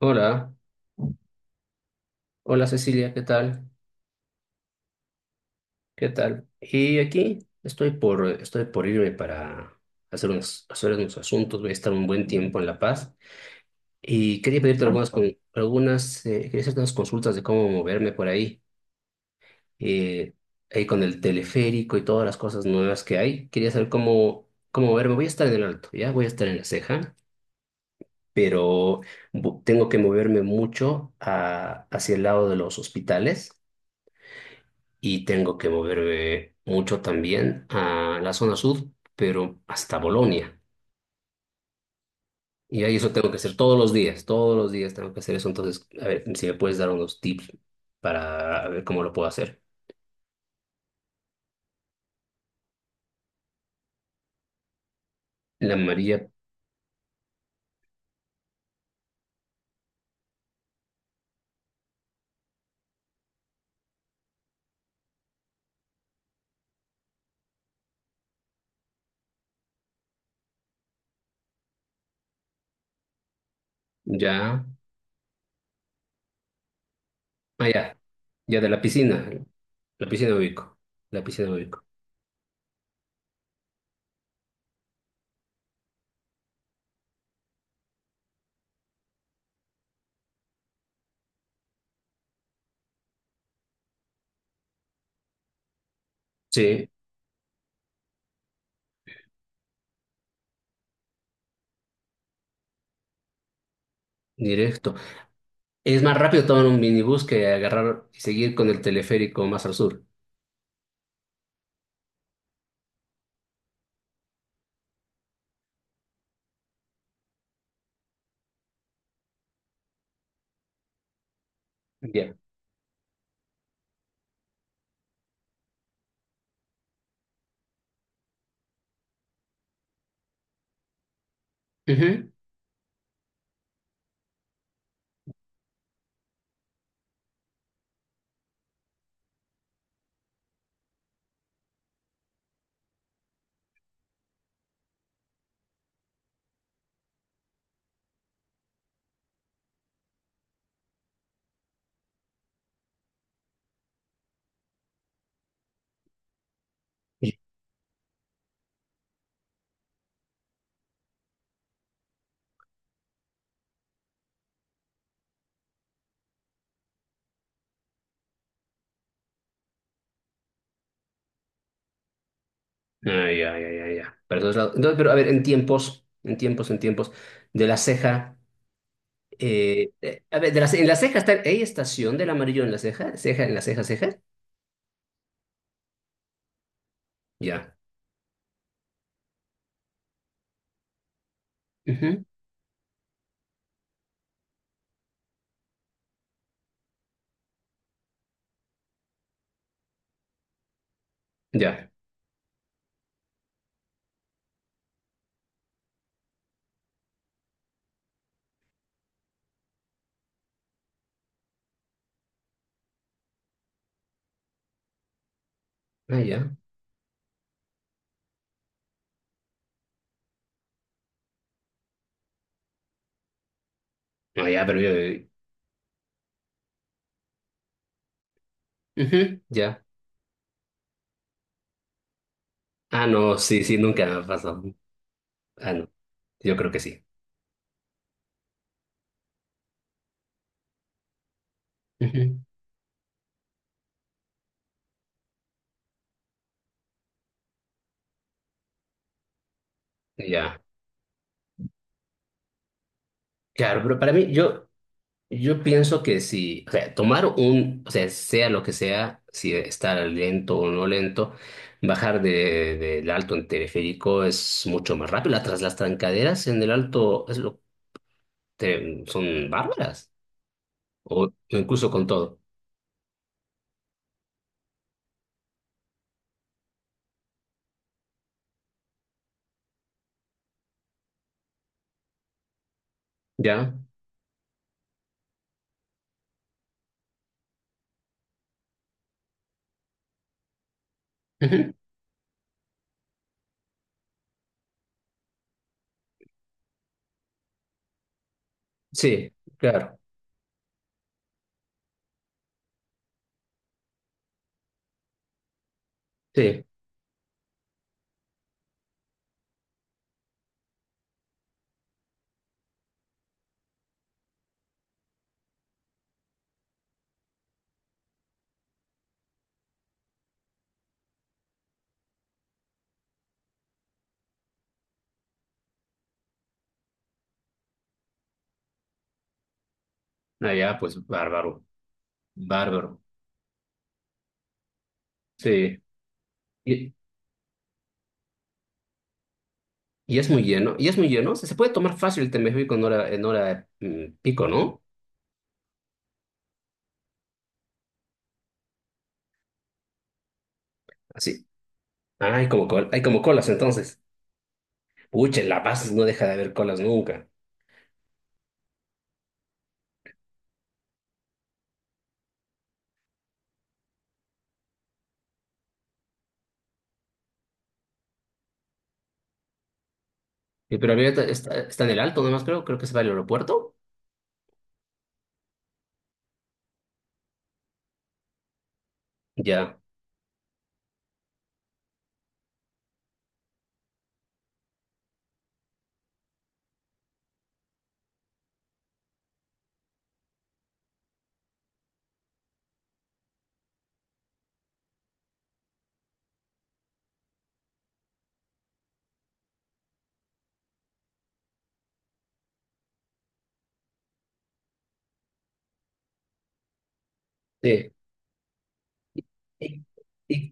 Hola, hola Cecilia, ¿qué tal? ¿Qué tal? Y aquí estoy por, estoy por irme para hacer unos asuntos. Voy a estar un buen tiempo en La Paz y quería pedirte algunas, con- algunas, quería hacerte unas consultas de cómo moverme por ahí, eh, ahí con el teleférico y todas las cosas nuevas que hay. Quería saber cómo, cómo moverme. Voy a estar en el Alto, ¿ya? Voy a estar en La Ceja, pero bu- tengo que moverme mucho a- hacia el lado de los hospitales y tengo que moverme mucho también a la zona sur, pero hasta Bolonia. Y ahí eso tengo que hacer todos los días tengo que hacer eso. Entonces, a ver si me puedes dar unos tips para ver cómo lo puedo hacer. La María, ya, ah, ya, ya de la piscina me ubico, la piscina me ubico. Sí, directo. Es más rápido tomar un minibús que agarrar y seguir con el teleférico más al sur. Ya. Ujú. Ah, ya, ya, ya, ya. Para todos lados. Entonces, pero a ver, en tiempos, en tiempos, en tiempos, de la ceja, a ver, de la ce- en la ceja está, ¿hay estación del amarillo en la ceja? ¿Ceja en la ceja, ceja? Ya. Ujú. Ya. Ah, ya. Ah, ya, pero yo... ujú, ya. Ah, no, sí, sí, nunca me ha pasado. Ah, no, yo creo que sí. Ujú. Ya. Claro, pero para mí, yo... Yo pienso que si, o sea, tomar un, o sea, sea lo que sea, si estar lento o no lento, bajar de, del alto en teleférico es mucho más rápido. Las, tras- las trancaderas en el alto es lo, te- son bárbaras, o incluso con todo, ¿ya? Ujú. Sí, claro, sí. Allá, pues, bárbaro, bárbaro, sí. Y, y es muy lleno, y es muy lleno, se puede tomar fácil el Temesví con hora, en hora pico, ¿no? Así. Ah, hay como, col- hay como colas entonces. Pucha, en La Paz no deja de haber colas nunca. Y pero ahorita está, está en el alto nomás, creo, creo que se va al aeropuerto. Ya. Sí. ¿Y, y,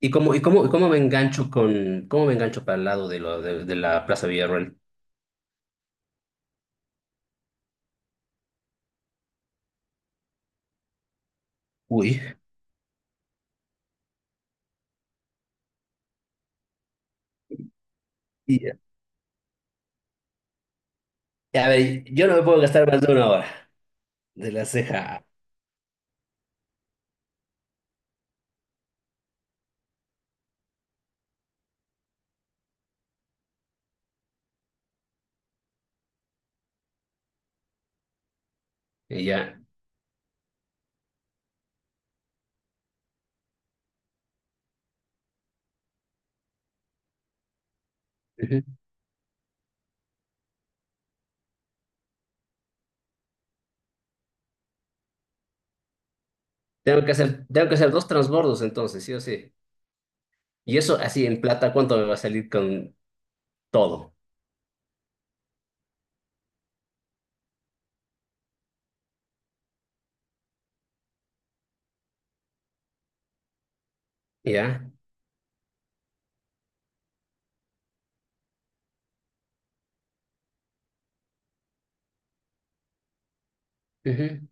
y cómo, y cómo, y cómo me engancho con, cómo me engancho para el lado de, lo, de la Plaza Villarroel? Uy. Y- a ver, yo no me puedo gastar más de una hora de la ceja. Y ya. Ujú. Tengo que hacer dos transbordos entonces, sí o sí. Y eso así en plata, ¿cuánto me va a salir con todo? ¿Ya? Ujú.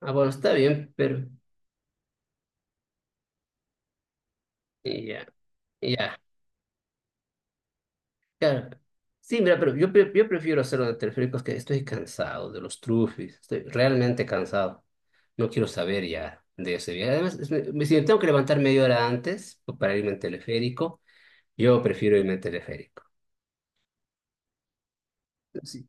Ah, bueno, está bien, pero y ya, y ya, claro. Sí, mira, pero yo, pre- yo prefiero hacerlo de teleféricos que estoy cansado de los trufis, estoy realmente cansado. No quiero saber ya de ese viaje. Además, es- me- si me tengo que levantar media hora antes pues, para irme en teleférico, yo prefiero irme en teleférico. Sí.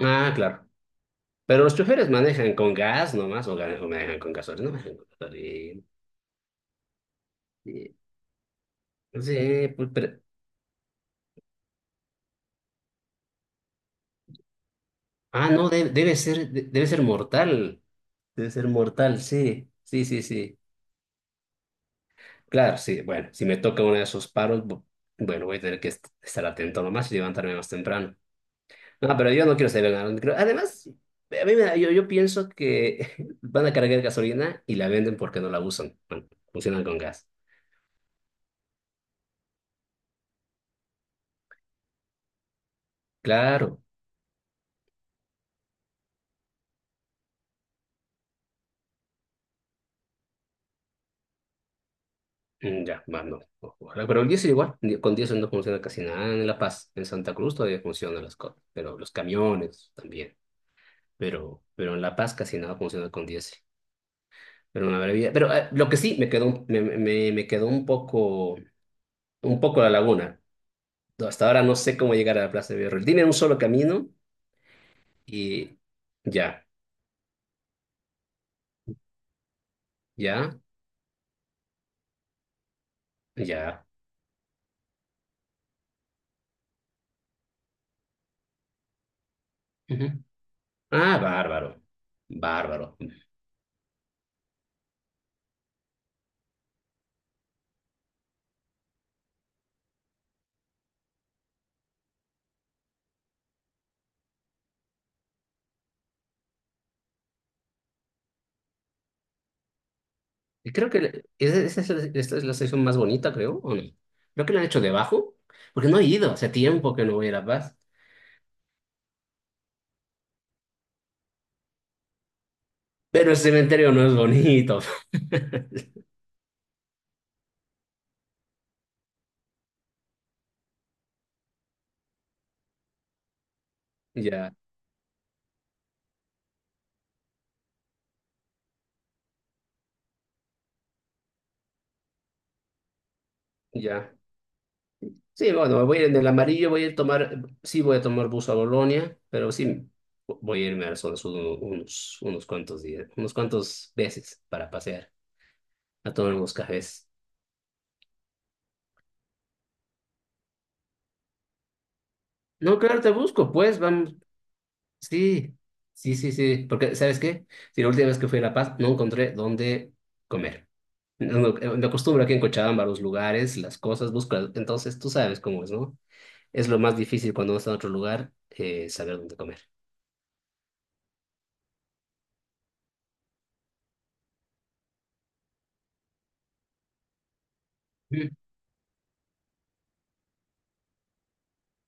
Ah, claro. Pero los choferes manejan con gas nomás o gan- o manejan con gasolina, no manejan con gasolina. Sí, sí, pues, pero- ah, no, de- debe ser mortal. Debe ser mortal, sí, sí, sí, sí. Claro, sí, bueno, si me toca uno de esos paros, bu- bueno, voy a tener que est- estar atento nomás y levantarme más temprano. No, pero yo no quiero ser nada. No creo- Además, a mí me da- yo pienso que van a cargar gasolina y la venden porque no la usan. Bueno, funcionan con gas. Claro, ya, va, no. O- ojalá. Pero el diésel igual, ni- con diésel no funciona casi nada en La Paz. En Santa Cruz todavía funcionan las cosas, pero los camiones también. Pero en La Paz casi nada funciona con diésel. Pero una maravilla. Pero lo que sí me quedó, un- me quedó un poco la laguna. No, hasta ahora no sé cómo llegar a la Plaza de Villarreal. Dime un solo camino y ya, ya, ya. Ujú. Ah, bárbaro, bárbaro. Y creo que le- ese- esa es, la- esta es la sección más bonita, creo, ¿o no? Creo que la han hecho debajo, porque no he ido, hace tiempo que no voy a La Paz. Pero el cementerio no es bonito. Ya, ya. Sí, bueno, voy a ir en el amarillo, voy a ir tomar, sí voy a tomar bus a Bolonia, pero sí voy a irme al zona sur uno- unos, unos cuantos días, unos cuantos veces para pasear, a tomar unos cafés. No, claro, te busco, pues vamos, sí, sí, sí, sí, porque ¿sabes qué? Si la última vez que fui a La Paz no encontré dónde comer. No, no, me acostumbro aquí en Cochabamba a los lugares, las cosas, busco, entonces tú sabes cómo es, ¿no? Es lo más difícil cuando uno está en otro lugar, saber dónde comer.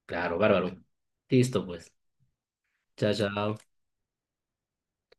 Claro, bárbaro. Listo, pues. Chao, chao.